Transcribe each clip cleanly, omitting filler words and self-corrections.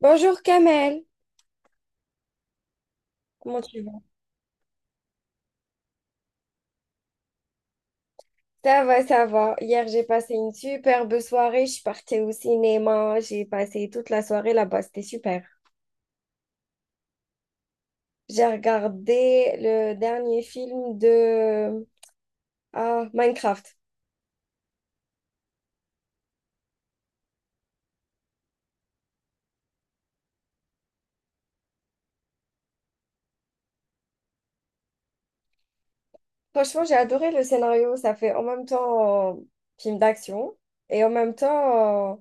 Bonjour Kamel, comment tu vas? Ça va, ça va. Hier, j'ai passé une superbe soirée. Je suis partie au cinéma. J'ai passé toute la soirée là-bas. C'était super. J'ai regardé le dernier film de ah, Minecraft. Franchement, j'ai adoré le scénario. Ça fait en même temps film d'action et en même temps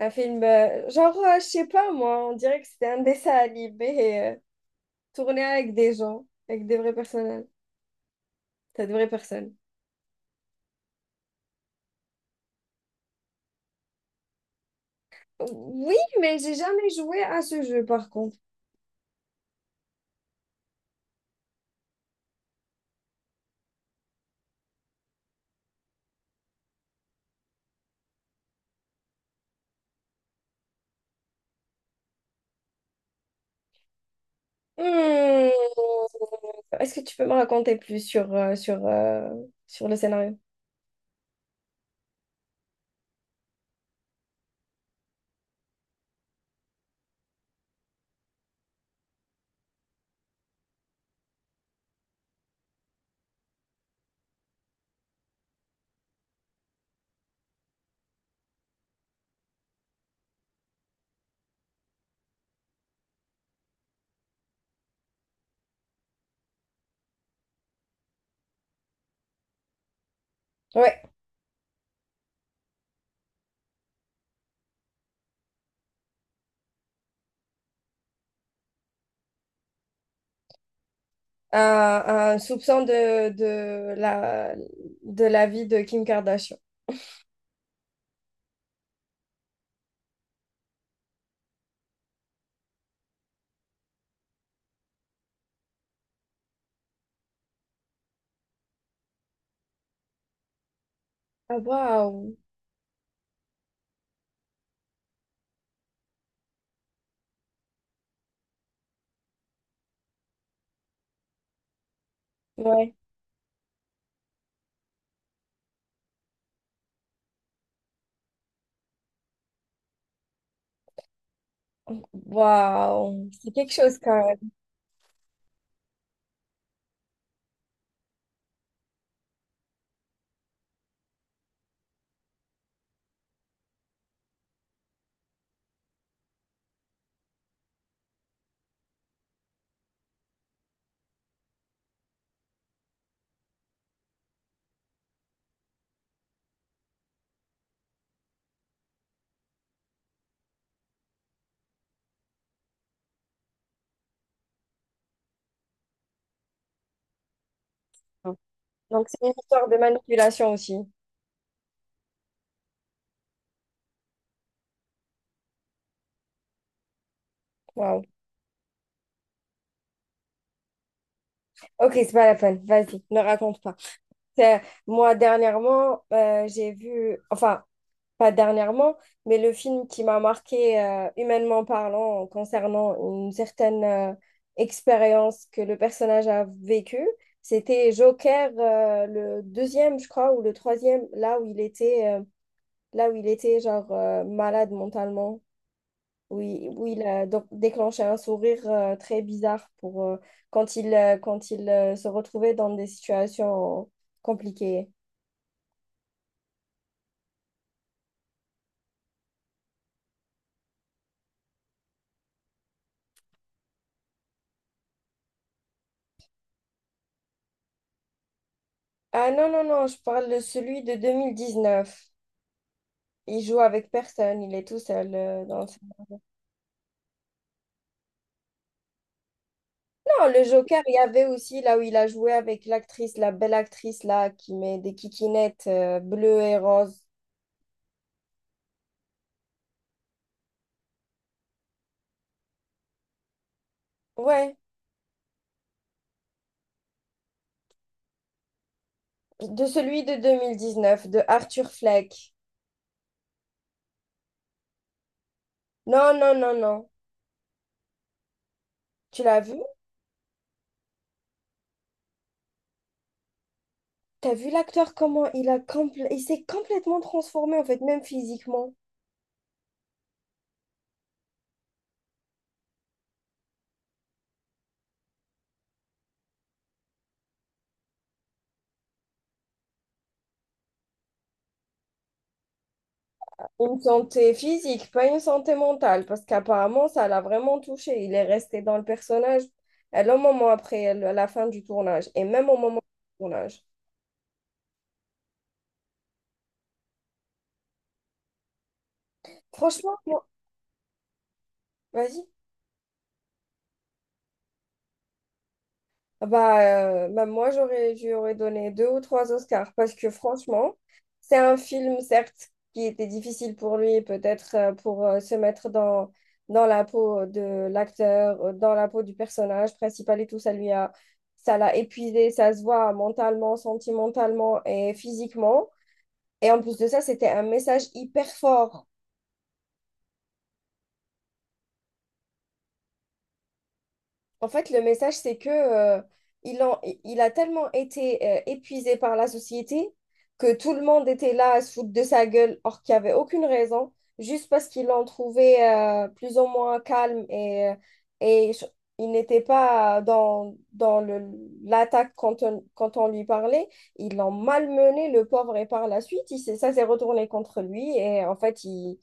un film, genre, je sais pas moi, on dirait que c'était un dessin animé tourné avec des gens, avec des vrais personnages. T'as de vraies personnes. Oui, mais j'ai jamais joué à ce jeu par contre. Hmm. Est-ce que tu peux me raconter plus sur, sur, sur le scénario? Ouais, un, un soupçon de la vie de Kim Kardashian. Ah, waouh! Ouais, waouh! C'est quelque chose quand même. Donc, c'est une histoire de manipulation aussi. Waouh! Ok, c'est pas la peine. Vas-y, ne raconte pas. C'est- Moi, dernièrement, j'ai vu, enfin, pas dernièrement, mais le film qui m'a marqué humainement parlant concernant une certaine expérience que le personnage a vécue, c'était Joker, le deuxième, je crois, ou le troisième, là où il était, là où il était genre malade mentalement, où il a donc déclenché un sourire très bizarre pour quand il se retrouvait dans des situations compliquées. Ah non, non, non, je parle de celui de 2019. Il joue avec personne, il est tout seul dans le film. Non, le Joker, il y avait aussi là où il a joué avec l'actrice, la belle actrice là, qui met des kikinettes bleues et roses. Ouais, de celui de 2019, de Arthur Fleck. Non, non, non, non. Tu l'as vu? T'as vu l'acteur comment il a compl- il s'est complètement transformé en fait, même physiquement. Une santé physique, pas une santé mentale, parce qu'apparemment, ça l'a vraiment touché. Il est resté dans le personnage à un moment après le- la fin du tournage et même au moment du tournage. Franchement, moi- vas-y. Ah bah, bah, moi, je lui aurais donné deux ou trois Oscars parce que franchement, c'est un film, certes, qui était difficile pour lui, peut-être pour se mettre dans, dans la peau de l'acteur, dans la peau du personnage principal et tout, ça l'a épuisé, ça se voit mentalement, sentimentalement et physiquement. Et en plus de ça, c'était un message hyper fort. En fait, le message, c'est que il, en- il a tellement été épuisé par la société que tout le monde était là à se foutre de sa gueule, or qu'il n'y avait aucune raison, juste parce qu'ils l'ont trouvé plus ou moins calme et, et ch- il n'était pas dans le, l'attaque quand on, quand on lui parlait. Ils l'ont malmené, le pauvre, et par la suite, ça s'est retourné contre lui et en fait,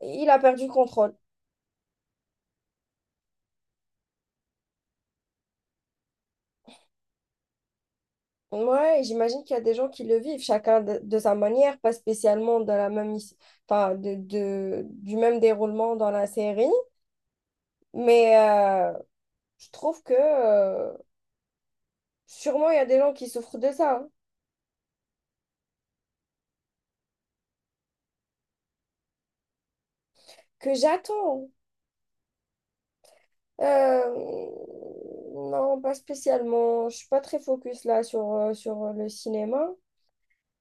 il a perdu contrôle. Ouais, j'imagine qu'il y a des gens qui le vivent, chacun de sa manière, pas spécialement de la même, enfin, du même déroulement dans la série. Mais je trouve que sûrement il y a des gens qui souffrent de ça, hein, que j'attends. Euh, non, pas spécialement. Je suis pas très focus là sur, sur le cinéma.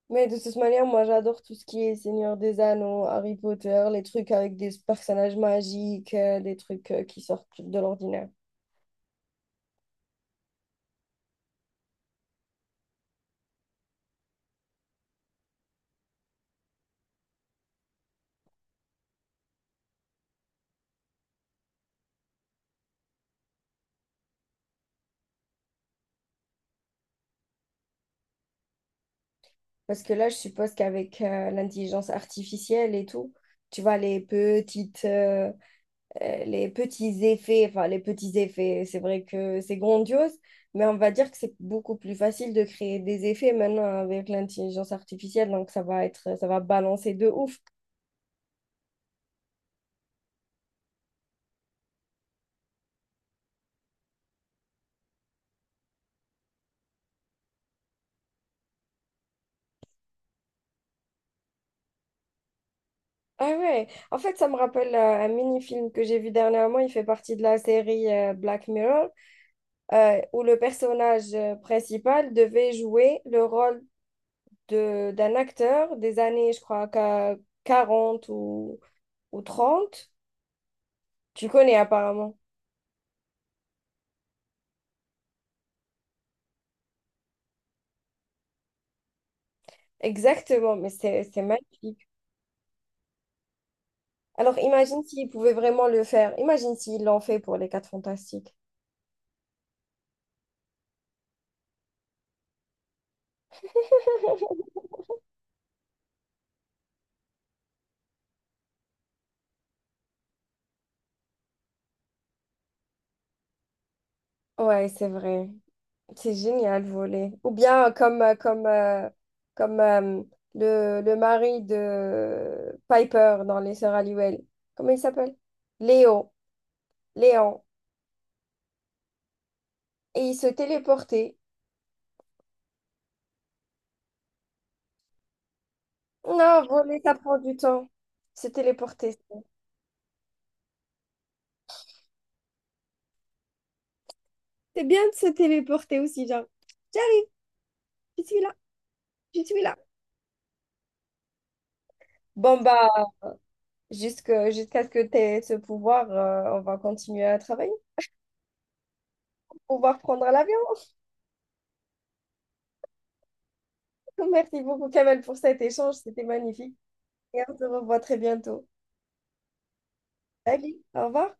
Mais de toute manière, moi j'adore tout ce qui est Seigneur des Anneaux, Harry Potter, les trucs avec des personnages magiques, des trucs qui sortent de l'ordinaire. Parce que là, je suppose qu'avec l'intelligence artificielle et tout, tu vois, les petits effets, enfin, les petits effets, c'est vrai que c'est grandiose, mais on va dire que c'est beaucoup plus facile de créer des effets maintenant avec l'intelligence artificielle, donc ça va être, ça va balancer de ouf. Ah ouais, en fait, ça me rappelle un mini-film que j'ai vu dernièrement, il fait partie de la série Black Mirror, où le personnage principal devait jouer le rôle de, d'un acteur des années, je crois, qu'à 40 ou trente. Tu connais apparemment. Exactement, mais c'est magnifique. Alors imagine s'ils pouvaient vraiment le faire. Imagine s'ils l'ont fait pour les Quatre Fantastiques. Ouais, c'est vrai. C'est génial, voler. Ou bien comme le mari de Piper dans Les Sœurs Halliwell. Comment il s'appelle? Léo. Léon. Et il se téléportait. Non, voler, ça prend du temps. Se téléporter. C'est bien de se téléporter aussi, genre, j'arrive, je suis là, je suis là. Bon, bah, jusque, jusqu'à ce que tu aies ce pouvoir, on va continuer à travailler. Pouvoir prendre l'avion. Merci beaucoup, Kamel, pour cet échange. C'était magnifique. Et on se revoit très bientôt. Salut, au revoir.